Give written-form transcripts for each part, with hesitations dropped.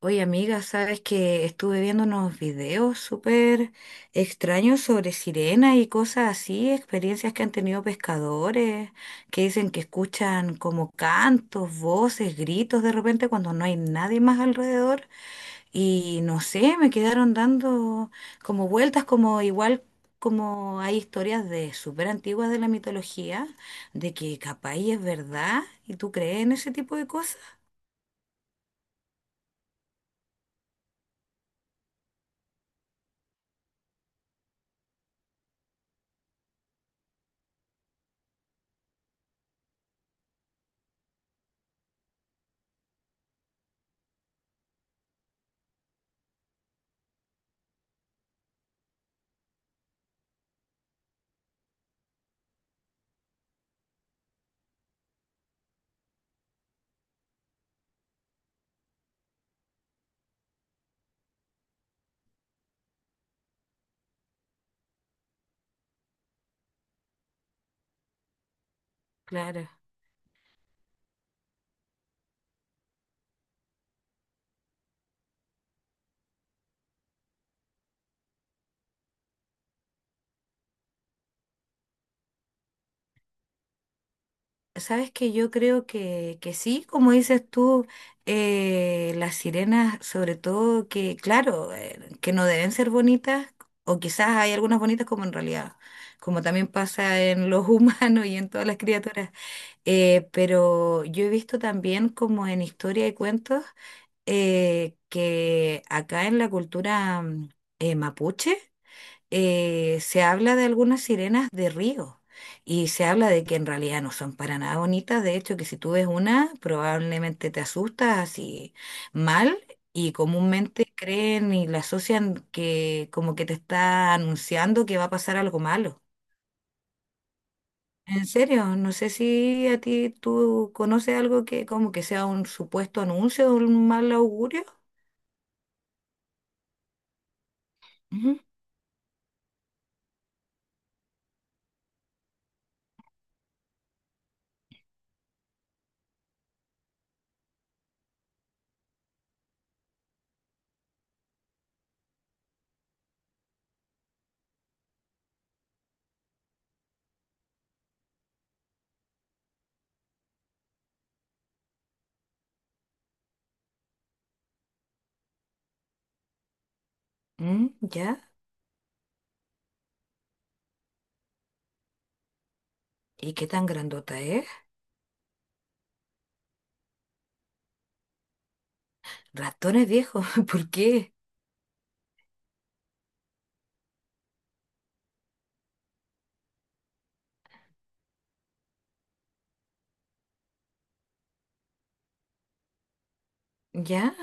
Oye, amiga, sabes que estuve viendo unos videos súper extraños sobre sirenas y cosas así, experiencias que han tenido pescadores, que dicen que escuchan como cantos, voces, gritos de repente cuando no hay nadie más alrededor. Y no sé, me quedaron dando como vueltas, como igual como hay historias de súper antiguas de la mitología, de que capaz y es verdad, y tú crees en ese tipo de cosas. Claro. Sabes que yo creo que sí, como dices tú, las sirenas, sobre todo que, claro, que no deben ser bonitas, o quizás hay algunas bonitas como en realidad, como también pasa en los humanos y en todas las criaturas. Pero yo he visto también como en historia y cuentos que acá en la cultura mapuche, se habla de algunas sirenas de río y se habla de que en realidad no son para nada bonitas, de hecho que si tú ves una probablemente te asustas así mal y comúnmente creen y la asocian que como que te está anunciando que va a pasar algo malo. En serio, no sé si a ti tú conoces algo que como que sea un supuesto anuncio de un mal augurio. Ujú. Mm, ya. ¿Y qué tan grandota es? Ratones viejos, ¿por qué? ¿Ya?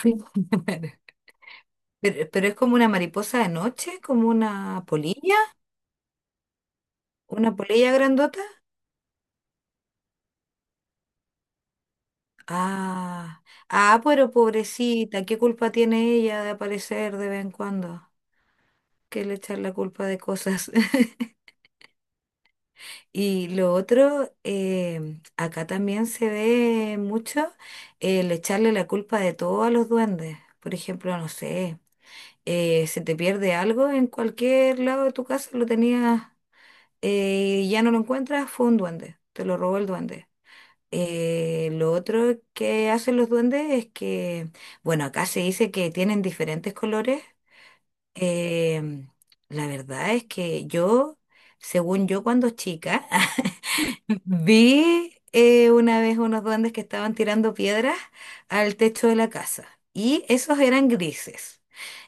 Sí. Pero es como una mariposa de noche, como una polilla grandota. Ah, ah, pero pobrecita, ¿qué culpa tiene ella de aparecer de vez en cuando? Que le echar la culpa de cosas. Y lo otro, acá también se ve mucho el echarle la culpa de todo a los duendes. Por ejemplo, no sé, se te pierde algo en cualquier lado de tu casa, lo tenías ya no lo encuentras, fue un duende, te lo robó el duende. Lo otro que hacen los duendes es que, bueno, acá se dice que tienen diferentes colores. Em, la verdad es que yo, según yo cuando chica, vi una vez unos duendes que estaban tirando piedras al techo de la casa y esos eran grises.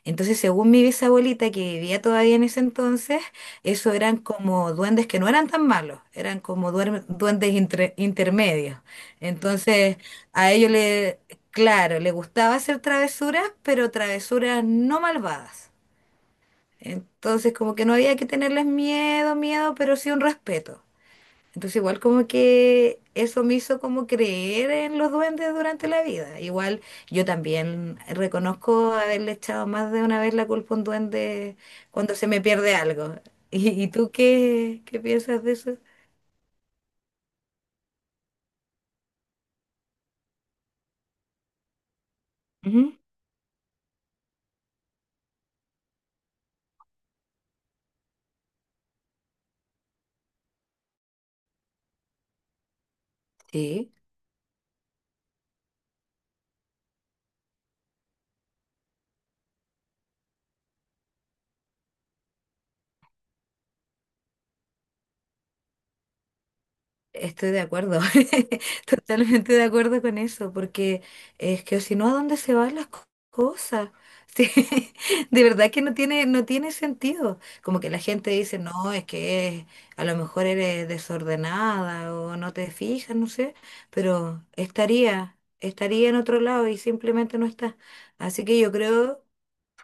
Entonces, según mi bisabuelita que vivía todavía en ese entonces, esos eran como duendes que no eran tan malos, eran como duendes intermedios. Entonces, a ellos le, claro, le gustaba hacer travesuras, pero travesuras no malvadas. Entonces, como que no había que tenerles miedo, miedo, pero sí un respeto. Entonces igual como que eso me hizo como creer en los duendes durante la vida. Igual yo también reconozco haberle echado más de una vez la culpa a un duende cuando se me pierde algo. ¿Y, y tú qué, qué piensas de eso? Ujú. Sí. Estoy de acuerdo, totalmente de acuerdo con eso, porque es que si no, ¿a dónde se van las cosas? Sí, de verdad que no no tiene sentido. Como que la gente dice, no, es que a lo mejor eres desordenada o no te fijas, no sé, pero estaría en otro lado y simplemente no está. Así que yo creo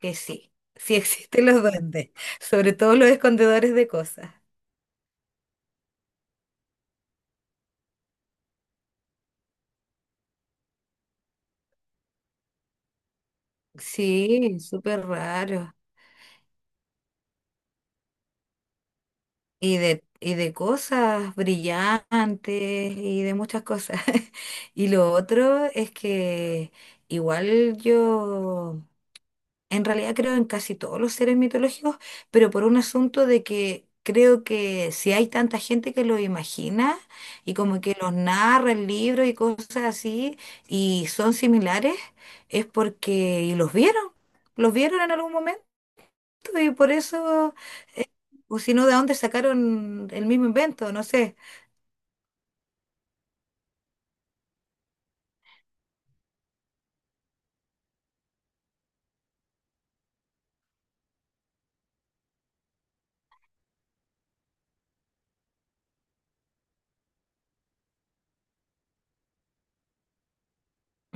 que sí, sí existen los duendes, sobre todo los escondedores de cosas. Sí, súper raro. Y de, y de cosas brillantes y de muchas cosas. Y lo otro es que igual yo en realidad creo en casi todos los seres mitológicos, pero por un asunto de que creo que si hay tanta gente que lo imagina y como que los narra en libros y cosas así y son similares, es porque los vieron en algún momento. Y por eso, o si no, ¿de dónde sacaron el mismo invento? No sé.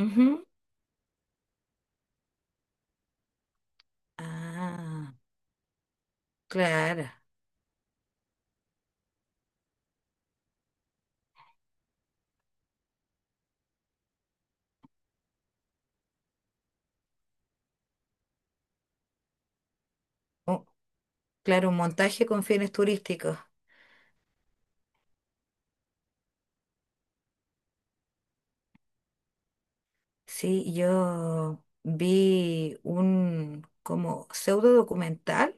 Ujú. Ah, claro. Oh, claro, un montaje con fines turísticos. Sí, yo vi un como pseudo documental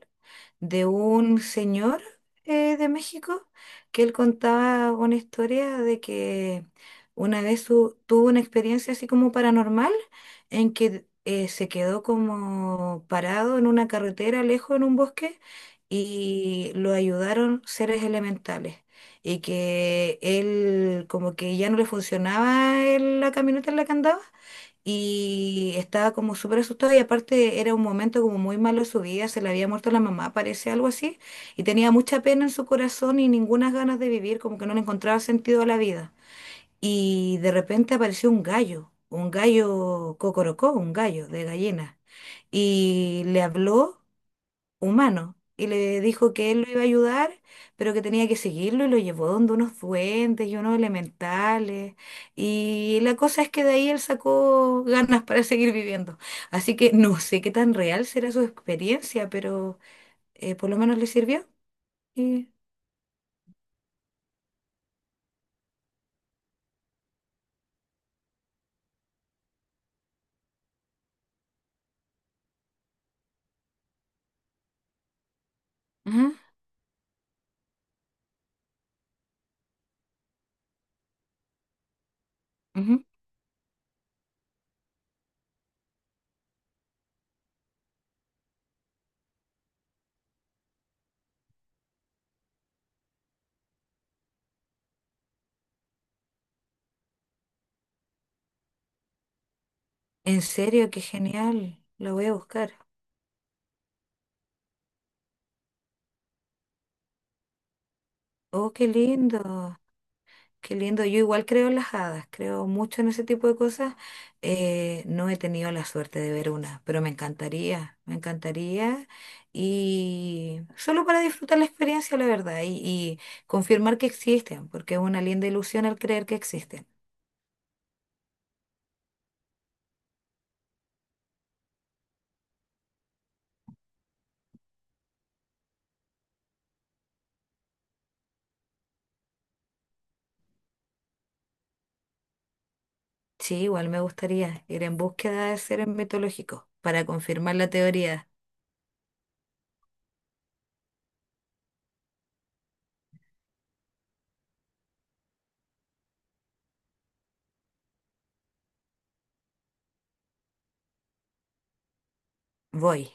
de un señor de México que él contaba una historia de que una vez tuvo una experiencia así como paranormal en que se quedó como parado en una carretera lejos en un bosque y lo ayudaron seres elementales y que él como que ya no le funcionaba la camioneta en la que andaba y estaba como súper asustada y aparte era un momento como muy malo de su vida, se le había muerto la mamá, parece algo así, y tenía mucha pena en su corazón y ninguna ganas de vivir, como que no le encontraba sentido a la vida. Y de repente apareció un gallo cocorocó, un gallo de gallina, y le habló humano y le dijo que él lo iba a ayudar, pero que tenía que seguirlo y lo llevó donde unos duendes y unos elementales. Y la cosa es que de ahí él sacó ganas para seguir viviendo. Así que no sé qué tan real será su experiencia, pero por lo menos le sirvió. Y, ujú, ujú. En serio, qué genial. Lo voy a buscar. Oh, qué lindo. Qué lindo, yo igual creo en las hadas, creo mucho en ese tipo de cosas. No he tenido la suerte de ver una, pero me encantaría, me encantaría. Y solo para disfrutar la experiencia, la verdad, y confirmar que existen, porque es una linda ilusión al creer que existen. Sí, igual me gustaría ir en búsqueda de seres mitológicos para confirmar la teoría. Voy.